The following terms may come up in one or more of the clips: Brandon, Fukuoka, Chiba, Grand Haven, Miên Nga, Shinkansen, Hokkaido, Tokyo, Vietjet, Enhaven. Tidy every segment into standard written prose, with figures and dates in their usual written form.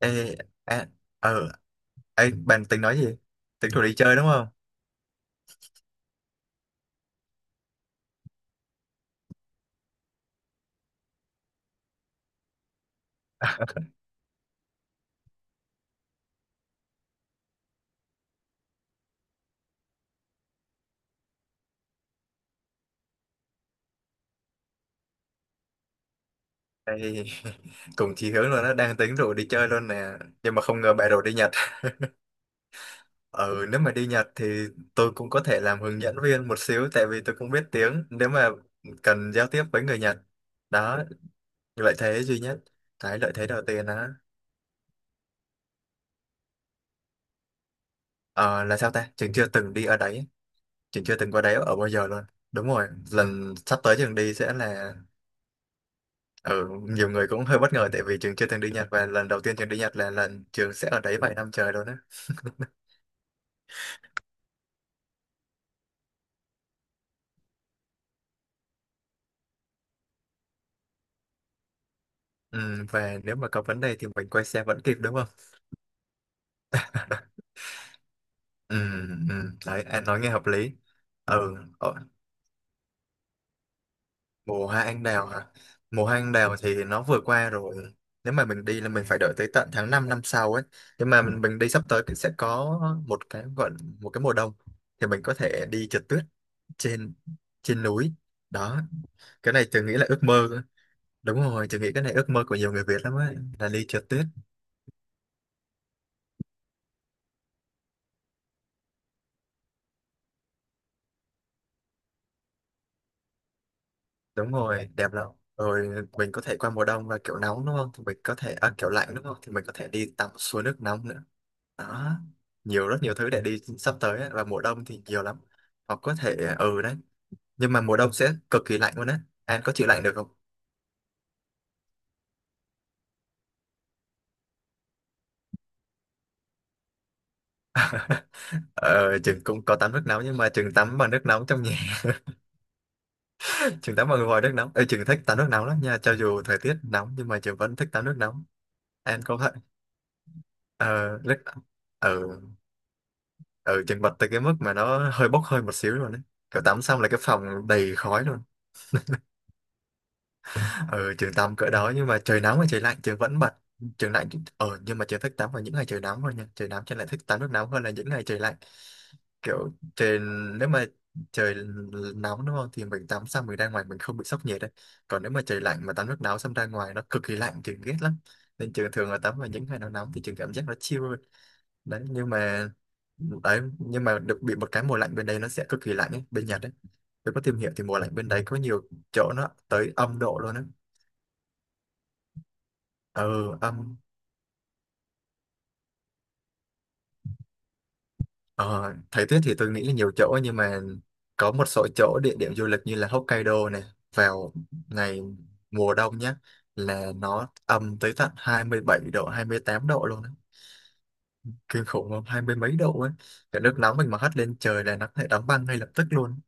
Ê, à, ờ, ê, bạn tính nói gì? Tính rủ đi chơi đúng không? Ê, cùng chí hướng luôn đó, đang tính rủ đi chơi luôn nè. Nhưng mà không ngờ bạn rủ đi Nhật. Ừ, nếu mà đi Nhật thì tôi cũng có thể làm hướng dẫn viên một xíu, tại vì tôi cũng biết tiếng, nếu mà cần giao tiếp với người Nhật. Đó, lợi thế duy nhất. Cái lợi thế đầu tiên đó, ờ, là sao ta? Trường chưa từng đi ở đấy, trường chưa từng qua đấy ở bao giờ luôn. Đúng rồi, lần sắp tới trường đi sẽ là Ừ, nhiều người cũng hơi bất ngờ tại vì Trường chưa từng đi Nhật và lần đầu tiên Trường đi Nhật là lần Trường sẽ ở đấy vài năm trời luôn á. Ừ, và nếu mà có vấn đề thì mình quay xe vẫn kịp đúng không? Ừ, ừ, đấy, anh nói nghe hợp lý. Ừ, ờ, mùa hoa anh đào hả? Mùa hoa anh đào thì nó vừa qua rồi. Nếu mà mình đi là mình phải đợi tới tận tháng 5 năm sau ấy. Nhưng mà mình đi sắp tới thì sẽ có một cái gọi một cái mùa đông thì mình có thể đi trượt tuyết trên trên núi. Đó, cái này Tường nghĩ là ước mơ. Đúng rồi, tôi nghĩ cái này ước mơ của nhiều người Việt lắm ấy, là đi trượt tuyết. Đúng rồi, đẹp lắm. Rồi mình có thể qua mùa đông và kiểu nóng đúng không? Thì mình có thể, à, kiểu lạnh đúng không? Thì mình có thể đi tắm suối nước nóng nữa. Đó, nhiều rất nhiều thứ để đi sắp tới ấy. Và mùa đông thì nhiều lắm. Hoặc có thể, à, ừ đấy. Nhưng mà mùa đông sẽ cực kỳ lạnh luôn á. An có chịu lạnh được không? Ờ, Trường cũng có tắm nước nóng nhưng mà Trường tắm bằng nước nóng trong nhà. Trường tắm bằng vòi nước nóng. Ờ, Trường thích tắm nước nóng lắm nha. Cho dù thời tiết nóng nhưng mà Trường vẫn thích tắm nước nóng. An có vậy? Ờ, nước... Ừ, ừ chật vật tới cái mức mà nó hơi bốc hơi một xíu luôn đấy, kiểu tắm xong là cái phòng đầy khói luôn. Ừ, trường tắm cỡ đó nhưng mà trời nắng và trời lạnh trường vẫn bật. Trường lạnh. Ờ, nhưng mà trường thích tắm vào những ngày trời nóng hơn nha, trời nóng trường lại thích tắm nước nóng hơn là những ngày trời lạnh. Kiểu trời, nếu mà trời nóng đúng không thì mình tắm xong mình ra ngoài mình không bị sốc nhiệt đấy. Còn nếu mà trời lạnh mà tắm nước nóng xong ra ngoài nó cực kỳ lạnh trường ghét lắm. Nên trường thường là tắm vào những ngày nó nóng thì trường cảm giác nó chill hơn. Đấy, nhưng mà đấy nhưng mà được bị một cái mùa lạnh, bên đây nó sẽ cực kỳ lạnh ấy, bên Nhật ấy. Tôi có tìm hiểu thì mùa lạnh bên đấy có nhiều chỗ nó tới âm độ luôn á. Ừ, âm. Ờ, thời tiết thì tôi nghĩ là nhiều chỗ nhưng mà có một số chỗ địa điểm du lịch như là Hokkaido này, vào ngày mùa đông nhá, là nó âm tới tận 27 độ, 28 độ luôn á. Kinh khủng không, hai mươi mấy độ ấy. Cái nước nóng mình mà hất lên trời là nó có thể đóng băng ngay lập tức luôn.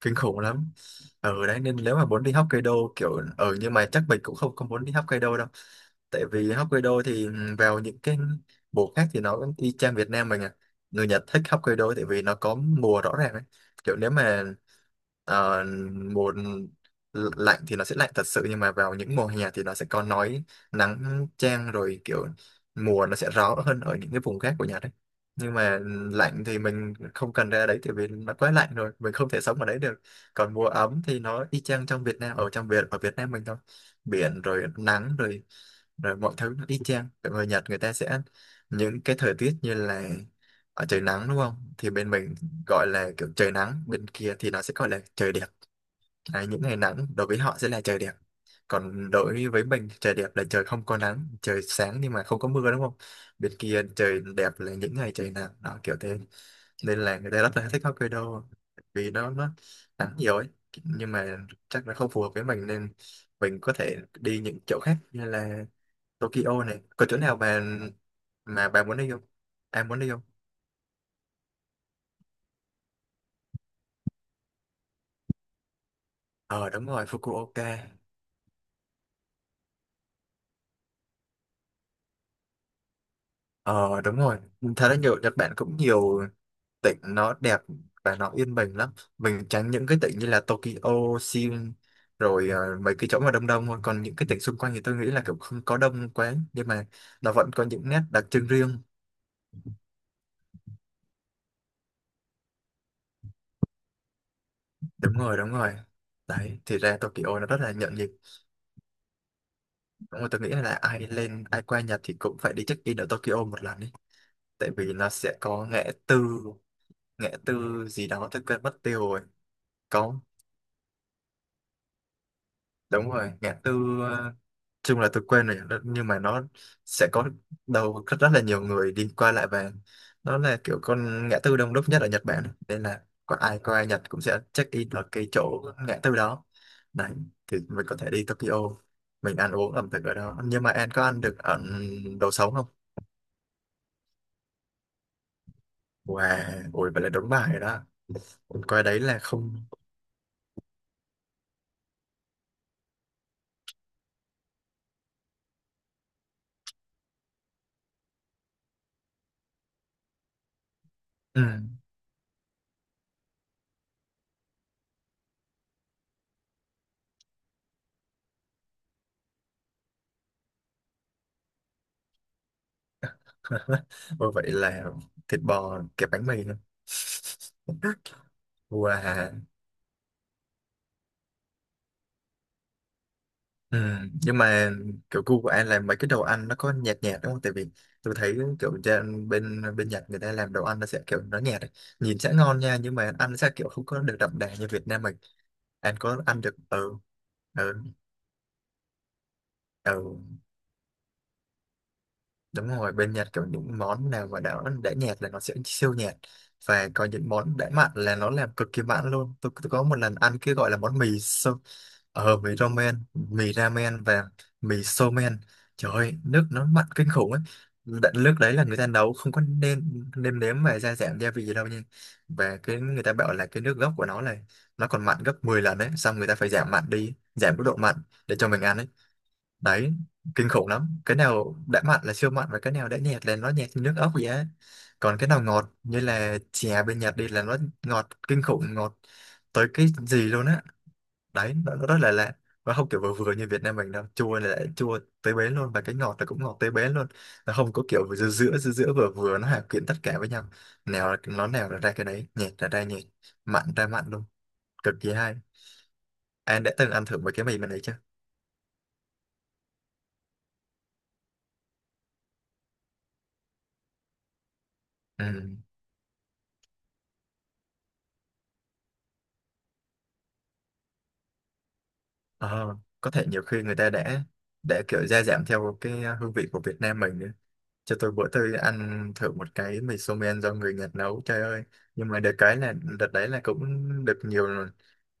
Kinh khủng lắm ở đấy. Nên nếu mà muốn đi Hokkaido, kiểu ở, nhưng mà chắc mình cũng không không muốn đi Hokkaido đâu. Tại vì Hokkaido thì vào những cái mùa khác thì nó cũng y chang Việt Nam mình à. Người Nhật thích Hokkaido tại vì nó có mùa rõ ràng ấy. Kiểu nếu mà ờ, mùa lạnh thì nó sẽ lạnh thật sự, nhưng mà vào những mùa hè thì nó sẽ có nói nắng chang rồi, kiểu mùa nó sẽ rõ hơn ở những cái vùng khác của Nhật đấy. Nhưng mà lạnh thì mình không cần ra đấy tại vì nó quá lạnh rồi, mình không thể sống ở đấy được. Còn mùa ấm thì nó y chang trong Việt Nam, ở trong Việt ở Việt Nam mình thôi, biển rồi nắng rồi rồi mọi thứ nó y chang. Còn người Nhật người ta sẽ những cái thời tiết như là ở trời nắng đúng không thì bên mình gọi là kiểu trời nắng, bên kia thì nó sẽ gọi là trời đẹp. Đấy, những ngày nắng đối với họ sẽ là trời đẹp, còn đối với mình trời đẹp là trời không có nắng, trời sáng nhưng mà không có mưa đúng không. Bên kia trời đẹp là những ngày trời nắng đó, kiểu thế. Nên là người ta rất là thích hot cây đô vì nó nắng nhiều ấy. Nhưng mà chắc là không phù hợp với mình, nên mình có thể đi những chỗ khác như là Tokyo này, có chỗ nào mà bà muốn đi không, em muốn đi không? Ờ đúng rồi, Fukuoka. Ờ đúng rồi, thật ra nhiều Nhật Bản cũng nhiều tỉnh nó đẹp và nó yên bình lắm. Mình tránh những cái tỉnh như là Tokyo, Seoul rồi mấy cái chỗ mà đông đông thôi, còn những cái tỉnh xung quanh thì tôi nghĩ là kiểu không có đông quá, nhưng mà nó vẫn có những nét đặc trưng riêng. Đúng rồi đúng rồi. Đấy thì ra Tokyo nó rất là nhộn nhịp. Đúng rồi, tôi nghĩ là ai lên ai qua Nhật thì cũng phải đi check in ở Tokyo một lần đi. Tại vì nó sẽ có ngã tư, ngã tư gì đó tôi quên mất tiêu rồi. Có, đúng rồi ngã tư, ờ, chung là tôi quen rồi, nhưng mà nó sẽ có đầu rất, rất là nhiều người đi qua lại, và nó là kiểu con ngã tư đông đúc nhất ở Nhật Bản, nên là có ai qua Nhật cũng sẽ check in ở cái chỗ ngã tư đó này. Thì mình có thể đi Tokyo, mình ăn uống ẩm thực ở đó, nhưng mà em có ăn được ở đồ sống không? Wow, ui vậy là đúng bài rồi đó. Ui, coi đấy là không. Ừ. Ui vậy là thịt bò kẹp bánh mì nữa. Wow. Ừ. Nhưng mà kiểu gu của anh là mấy cái đồ ăn nó có nhạt nhạt đúng không? Tại vì tôi thấy kiểu trên bên bên Nhật người ta làm đồ ăn nó sẽ kiểu nó nhạt ấy. Nhìn sẽ ngon nha nhưng mà ăn sẽ kiểu không có được đậm đà như Việt Nam mình. Anh có ăn được ừ ừ ừ. Đúng rồi, bên Nhật có những món nào mà đã nhạt là nó sẽ siêu nhạt, và có những món đã mặn là nó làm cực kỳ mặn luôn. Tôi có một lần ăn cái gọi là món mì so, ờ, mì ramen và mì somen. Trời ơi, nước nó mặn kinh khủng ấy. Đ- Nước đấy là người ta nấu không có nêm nêm nếm và gia giảm gia vị gì đâu nha. Và cái người ta bảo là cái nước gốc của nó là nó còn mặn gấp 10 lần đấy, xong người ta phải giảm mặn đi, giảm mức độ mặn để cho mình ăn ấy. Đấy, kinh khủng lắm, cái nào đã mặn là siêu mặn và cái nào đã nhạt là nó nhạt như nước ốc vậy á. Còn cái nào ngọt như là chè bên Nhật đi là nó ngọt kinh khủng, ngọt tới cái gì luôn á. Đấy, nó rất là lạ, nó không kiểu vừa vừa như Việt Nam mình đâu. Chua là đã chua tới bến luôn và cái ngọt là cũng ngọt tới bến luôn. Nó không có kiểu giữa giữa giữa giữa vừa vừa nó hòa quyện tất cả với nhau. Nào là- nó nào là ra cái đấy, nhạt là ra nhạt, mặn ra mặn luôn. Cực kỳ hay. Anh đã từng ăn thử mấy cái mì mình đấy chưa? Ừ. Ờ, có thể nhiều khi người ta đã kiểu gia giảm theo cái hương vị của Việt Nam mình nữa. Cho tôi bữa tôi ăn thử một cái mì somen men do người Nhật nấu, trời ơi. Nhưng mà được cái là đợt đấy là cũng được nhiều rồi.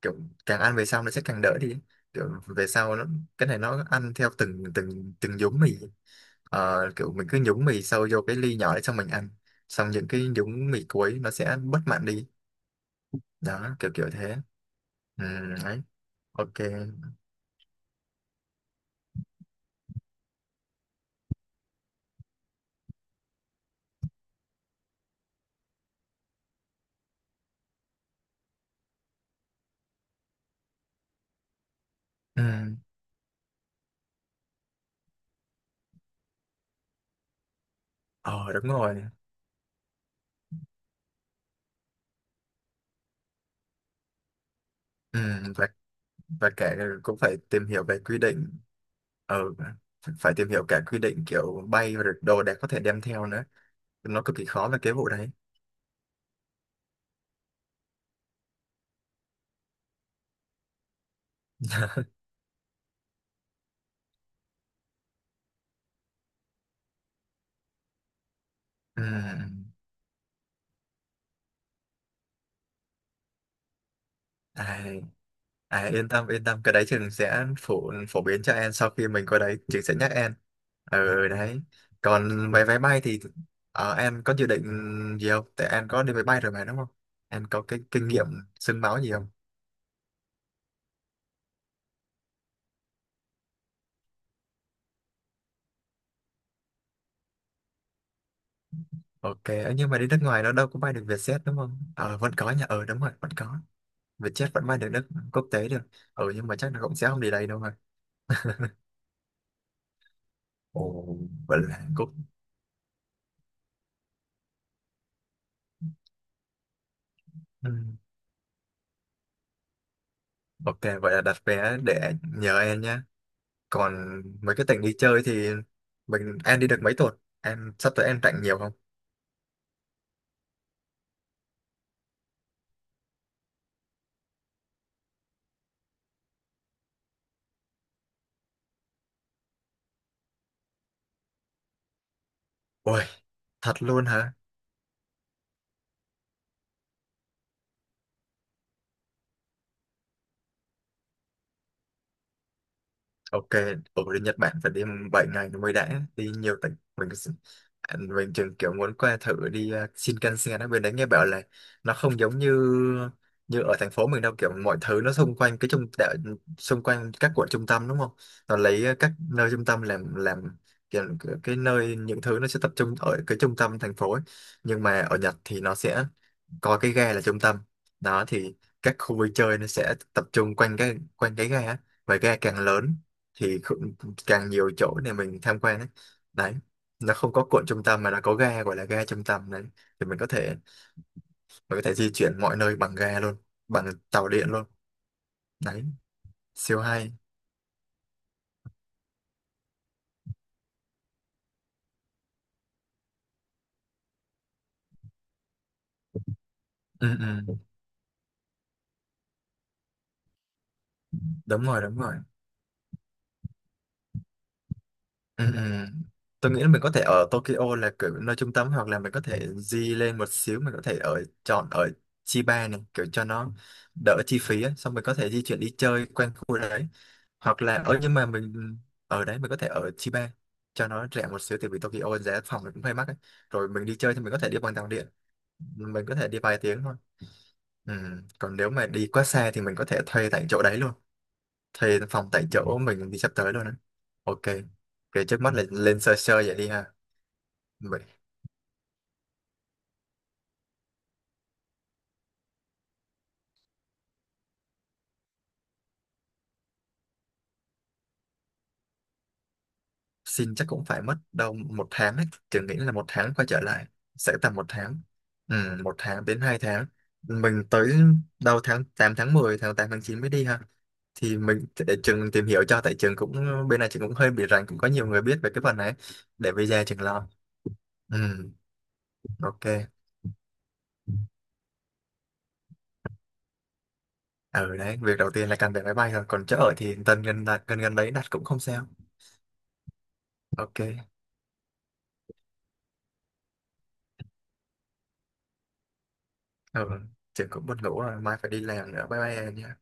Kiểu càng ăn về sau nó sẽ càng đỡ đi. Kiểu về sau nó cái này nó ăn theo từng từng từng nhúng mì. Ờ, kiểu mình cứ nhúng mì sâu vô cái ly nhỏ đấy xong mình ăn. Xong những cái nhúng mì cuối nó sẽ bớt mặn đi. Đó, kiểu kiểu thế. Ừ, đấy. Ok. Ừ. Ờ, đúng rồi. Ừ, và và cả cũng phải tìm hiểu về quy định. Ừ, phải tìm hiểu cả quy định kiểu bay và đồ để có thể đem theo nữa. Nó cực kỳ khó về cái vụ đấy. Ừ. à, Yên tâm yên tâm, cái đấy trường sẽ phổ phổ biến cho em. Sau khi mình qua đấy trường sẽ nhắc em. Ừ, đấy. Còn vé vé bay thì, em có dự định gì không? Tại em có đi máy bay rồi mà, đúng không? Em có cái kinh nghiệm sương máu gì không? Ok, ấy, nhưng mà đi nước ngoài nó đâu có bay được Vietjet, đúng không? Ờ, vẫn có nha. Ờ, đúng rồi, vẫn có. Vietjet vẫn bay được nước quốc tế được. Ừ, nhưng mà chắc là cũng sẽ không đi đây đâu rồi. Ồ, vậy là Hàn Quốc. Ừ. Ok, vậy là đặt vé để nhờ em nhé. Còn mấy cái tỉnh đi chơi thì mình em đi được mấy tuần? Em sắp tới em rảnh nhiều không? Ôi, thật luôn hả? Ok. Ở bên Nhật Bản phải đi 7 ngày nó mới đã, đi nhiều tỉnh, mình cứ- mình chừng kiểu muốn qua thử đi Shinkansen ở bên đấy, nghe bảo là nó không giống như như ở thành phố mình đâu. Kiểu mọi thứ nó xung quanh cái trung đạo, xung quanh các quận trung tâm, đúng không? Nó lấy các nơi trung tâm làm kiểu cái nơi những thứ nó sẽ tập trung ở cái trung tâm thành phố ấy. Nhưng mà ở Nhật thì nó sẽ có cái ga là trung tâm đó thì các khu vui chơi nó sẽ tập trung quanh cái ga á. Và ga càng lớn thì càng nhiều chỗ để mình tham quan ấy. Đấy, nó không có cuộn trung tâm mà nó có ga gọi là ga trung tâm đấy. Thì mình có thể di chuyển mọi nơi bằng ga luôn, bằng tàu điện luôn. Đấy, siêu hay. Ừ, ừ. Đúng rồi, đúng rồi. Ừ, ừ. Tôi nghĩ là mình có thể ở Tokyo là kiểu nơi trung tâm, hoặc là mình có thể di lên một xíu, mình có thể ở chọn ở Chiba này kiểu cho nó đỡ chi phí ấy. Xong mình có thể di chuyển đi chơi quanh khu đấy hoặc là ở, nhưng mà mình ừ, ở đấy mình có thể ở Chiba cho nó rẻ một xíu tại vì Tokyo giá phòng nó cũng hơi mắc ấy. Rồi mình đi chơi thì mình có thể đi bằng tàu điện, mình có thể đi vài tiếng thôi. Ừ. Còn nếu mà đi quá xa thì mình có thể thuê tại chỗ đấy luôn, thuê phòng tại chỗ mình đi sắp tới luôn ấy. Ok, cái trước mắt là lên sơ sơ vậy đi ha. Mình xin chắc cũng phải mất đâu một tháng ấy, Trường nghĩ là một tháng quay trở lại sẽ tầm một tháng. Ừ, một tháng đến 2 tháng. Mình tới đâu tháng 8 tháng 10 tháng 8 tháng 9 mới đi ha. Thì mình để trường tìm hiểu cho, tại trường cũng bên này trường cũng hơi bị rành, cũng có nhiều người biết về cái phần này. Để bây giờ trường lo. Ừ, ok. Ở đấy việc đầu tiên là cần vé máy bay rồi, còn chỗ ở thì tần gần đặt gần gần đấy đặt cũng không sao. Ok. Ừ, trường cũng buồn ngủ rồi, mai phải đi làm nữa, bye bye em nhé.